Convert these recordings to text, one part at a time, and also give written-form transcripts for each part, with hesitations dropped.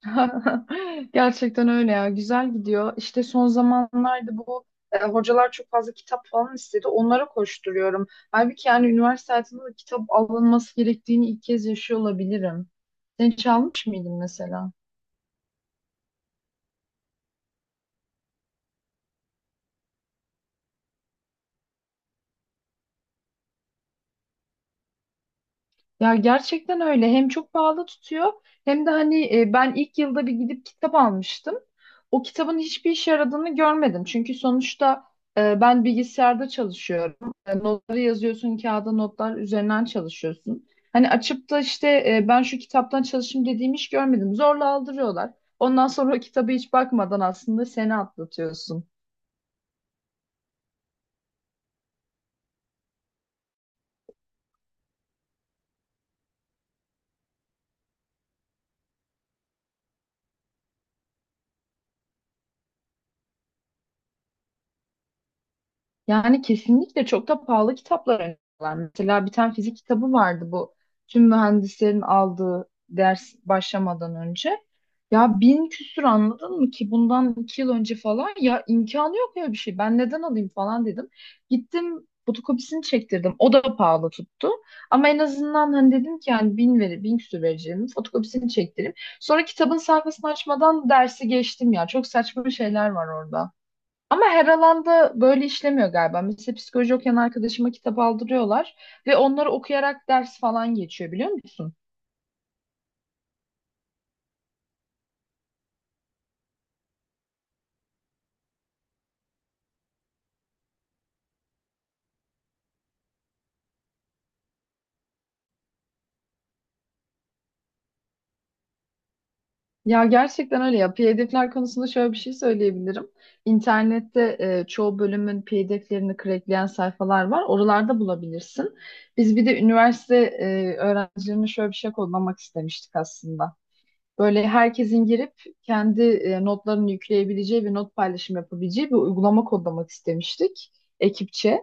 Gerçekten öyle ya. Güzel gidiyor. İşte son zamanlarda bu hocalar çok fazla kitap falan istedi. Onlara koşturuyorum. Halbuki yani üniversite hayatında da kitap alınması gerektiğini ilk kez yaşıyor olabilirim. Sen hiç almış mıydın mesela? Ya gerçekten öyle. Hem çok pahalı tutuyor hem de hani ben ilk yılda bir gidip kitap almıştım. O kitabın hiçbir işe yaradığını görmedim. Çünkü sonuçta ben bilgisayarda çalışıyorum. Notları yazıyorsun, kağıda notlar üzerinden çalışıyorsun. Hani açıp da işte ben şu kitaptan çalışayım dediğim iş görmedim. Zorla aldırıyorlar. Ondan sonra o kitabı hiç bakmadan aslında seni atlatıyorsun. Yani kesinlikle çok da pahalı kitaplar öneriyorlar. Mesela bir tane fizik kitabı vardı bu. Tüm mühendislerin aldığı ders başlamadan önce. Ya 1000 küsür anladın mı ki bundan 2 yıl önce falan ya imkanı yok ya bir şey. Ben neden alayım falan dedim. Gittim fotokopisini çektirdim. O da pahalı tuttu. Ama en azından hani dedim ki yani 1000 küsür vereceğim. Fotokopisini çektireyim. Sonra kitabın sayfasını açmadan dersi geçtim ya. Çok saçma şeyler var orada. Ama her alanda böyle işlemiyor galiba. Mesela psikoloji okuyan arkadaşıma kitap aldırıyorlar ve onları okuyarak ders falan geçiyor biliyor musun? Ya gerçekten öyle ya. PDF'ler konusunda şöyle bir şey söyleyebilirim. İnternette çoğu bölümün PDF'lerini crackleyen sayfalar var. Oralarda bulabilirsin. Biz bir de üniversite öğrencilerine şöyle bir şey kodlamak istemiştik aslında. Böyle herkesin girip kendi notlarını yükleyebileceği ve not paylaşım yapabileceği bir uygulama kodlamak istemiştik ekipçe.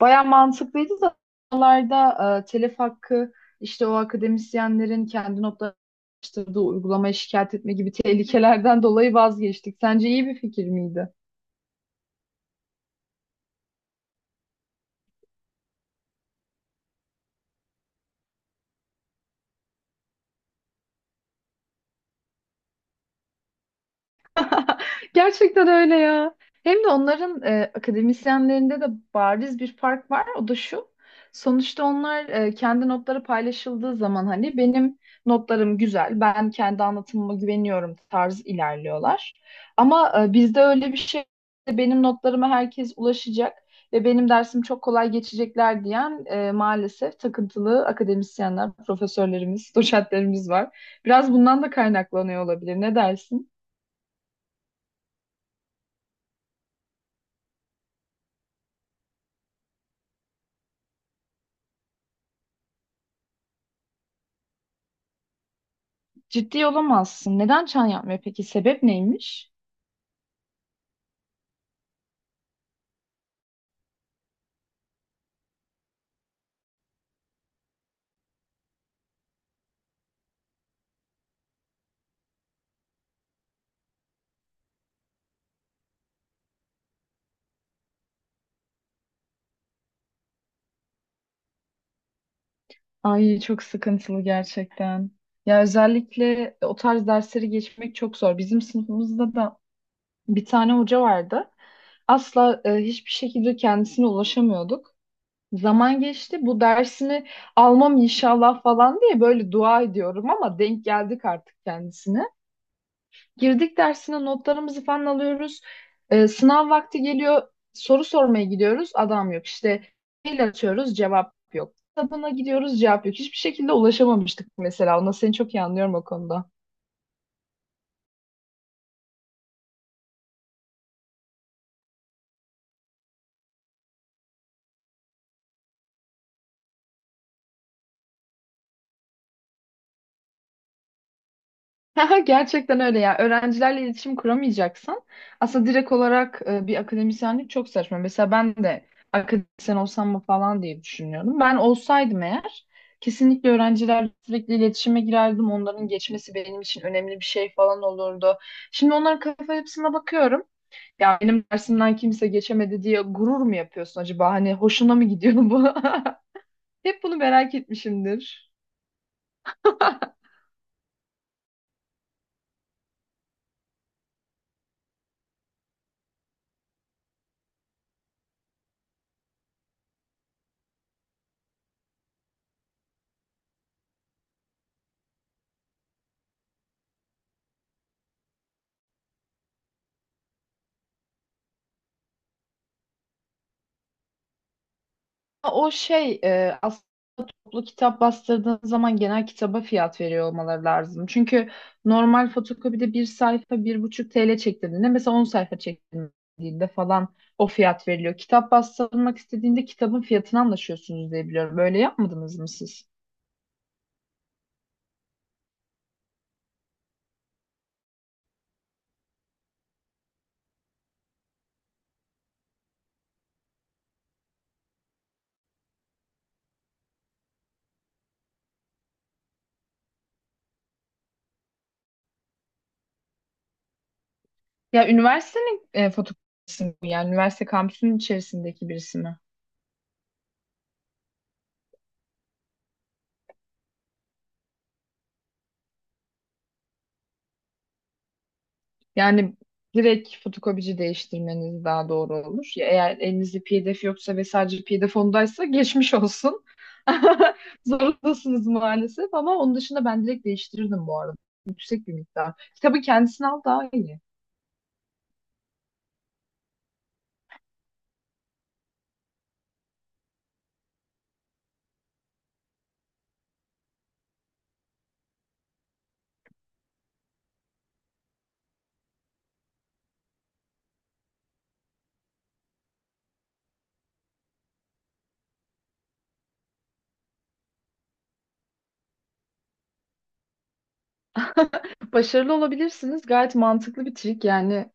Baya mantıklıydı da oralarda telif hakkı işte o akademisyenlerin kendi notlarını uygulamayı şikayet etme gibi tehlikelerden dolayı vazgeçtik. Sence iyi bir fikir miydi? Gerçekten öyle ya. Hem de onların akademisyenlerinde de bariz bir fark var. O da şu. Sonuçta onlar kendi notları paylaşıldığı zaman hani benim notlarım güzel, ben kendi anlatımıma güveniyorum tarz ilerliyorlar. Ama bizde öyle bir şey benim notlarıma herkes ulaşacak ve benim dersim çok kolay geçecekler diyen maalesef takıntılı akademisyenler, profesörlerimiz, doçentlerimiz var. Biraz bundan da kaynaklanıyor olabilir. Ne dersin? Ciddi olamazsın. Neden çan yapmıyor peki? Sebep neymiş? Ay çok sıkıntılı gerçekten. Ya özellikle o tarz dersleri geçmek çok zor. Bizim sınıfımızda da bir tane hoca vardı. Asla hiçbir şekilde kendisine ulaşamıyorduk. Zaman geçti. Bu dersini almam inşallah falan diye böyle dua ediyorum ama denk geldik artık kendisine. Girdik dersine notlarımızı falan alıyoruz. Sınav vakti geliyor. Soru sormaya gidiyoruz. Adam yok. İşte mail atıyoruz. Cevap yok. Kitabına gidiyoruz. Cevap yok. Hiçbir şekilde ulaşamamıştık mesela. Ona seni çok iyi anlıyorum o konuda. Haha, gerçekten öyle ya. Öğrencilerle iletişim kuramayacaksın. Aslında direkt olarak bir akademisyenlik çok saçma. Mesela ben de akademisyen olsam mı falan diye düşünüyordum. Ben olsaydım eğer kesinlikle öğrencilerle sürekli iletişime girerdim. Onların geçmesi benim için önemli bir şey falan olurdu. Şimdi onların kafa yapısına bakıyorum. Ya benim dersimden kimse geçemedi diye gurur mu yapıyorsun acaba? Hani hoşuna mı gidiyor bu? Hep bunu merak etmişimdir. O şey aslında toplu kitap bastırdığın zaman genel kitaba fiyat veriyor olmaları lazım. Çünkü normal fotokopide bir sayfa 1,5 TL çektirdiğinde mesela 10 sayfa çektirdiğinde falan o fiyat veriliyor. Kitap bastırmak istediğinde kitabın fiyatını anlaşıyorsunuz diye biliyorum. Böyle yapmadınız mı siz? Ya üniversitenin fotokopisini yani üniversite kampüsünün içerisindeki birisi mi? Yani direkt fotokopici değiştirmeniz daha doğru olur. Ya eğer elinizde PDF yoksa ve sadece PDF ondaysa geçmiş olsun. Zorundasınız maalesef ama onun dışında ben direkt değiştirirdim bu arada. Yüksek bir miktar. Kitabı kendisini al daha iyi. Başarılı olabilirsiniz. Gayet mantıklı bir trik. Yani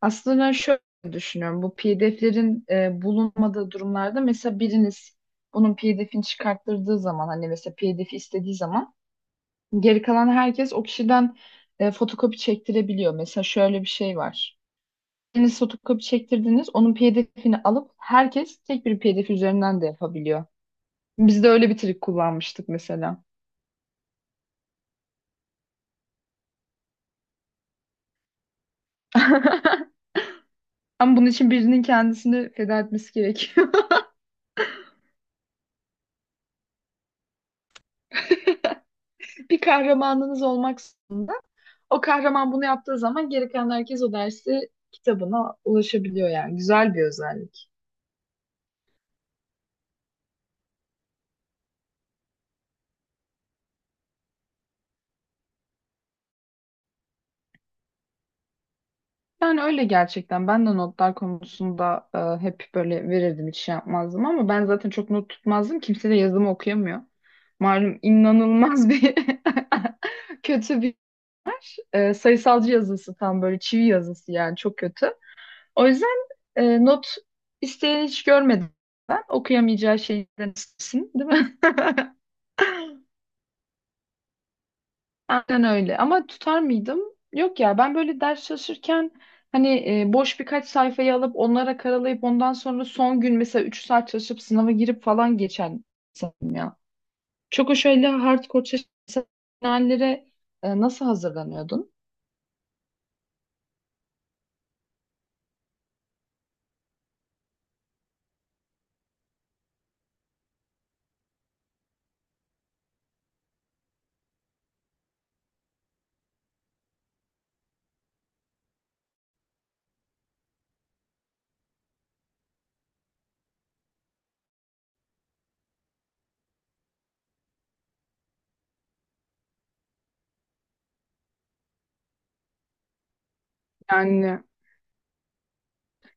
aslında ben şöyle düşünüyorum. Bu PDF'lerin bulunmadığı durumlarda mesela biriniz bunun PDF'ini çıkarttırdığı zaman hani mesela PDF istediği zaman geri kalan herkes o kişiden fotokopi çektirebiliyor. Mesela şöyle bir şey var. Siz fotokopi çektirdiniz, onun PDF'ini alıp herkes tek bir PDF üzerinden de yapabiliyor. Biz de öyle bir trik kullanmıştık mesela. Ama bunun için birinin kendisini feda etmesi gerekiyor. Bir kahramanınız olmak zorunda. O kahraman bunu yaptığı zaman geri kalan herkes o dersi kitabına ulaşabiliyor yani. Güzel bir özellik. Yani öyle gerçekten. Ben de notlar konusunda hep böyle verirdim hiç şey yapmazdım ama ben zaten çok not tutmazdım. Kimse de yazımı okuyamıyor. Malum inanılmaz bir kötü bir sayısalcı yazısı tam böyle çivi yazısı yani çok kötü. O yüzden not isteyen hiç görmedim ben. Okuyamayacağı şeyden istesin, değil mi? Aynen öyle. Ama tutar mıydım? Yok ya ben böyle ders çalışırken hani boş birkaç sayfayı alıp onlara karalayıp ondan sonra son gün mesela 3 saat çalışıp sınava girip falan geçen insanım ya. Çok o şöyle hardcore çalışan hallere nasıl hazırlanıyordun? Yani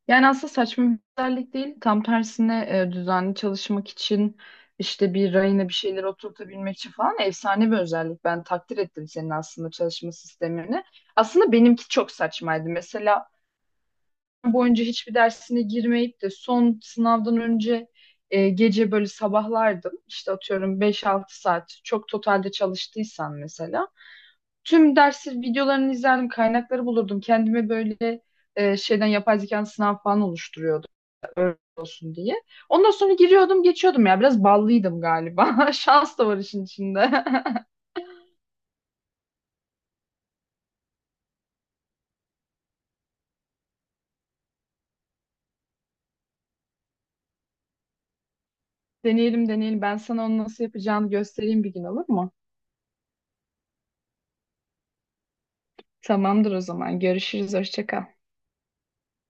Yani aslında saçma bir özellik değil. Tam tersine düzenli çalışmak için işte bir rayına bir şeyler oturtabilmek için falan efsane bir özellik. Ben takdir ettim senin aslında çalışma sistemini. Aslında benimki çok saçmaydı. Mesela boyunca hiçbir dersine girmeyip de son sınavdan önce gece böyle sabahlardım. İşte atıyorum 5-6 saat çok totalde çalıştıysan mesela. Tüm dersi videolarını izlerdim, kaynakları bulurdum. Kendime böyle şeyden yapay zekanın sınav falan oluşturuyordum öyle olsun diye. Ondan sonra giriyordum geçiyordum ya biraz ballıydım galiba. Şans da var işin içinde. Deneyelim deneyelim ben sana onu nasıl yapacağını göstereyim bir gün olur mu? Tamamdır o zaman görüşürüz hoşça kal.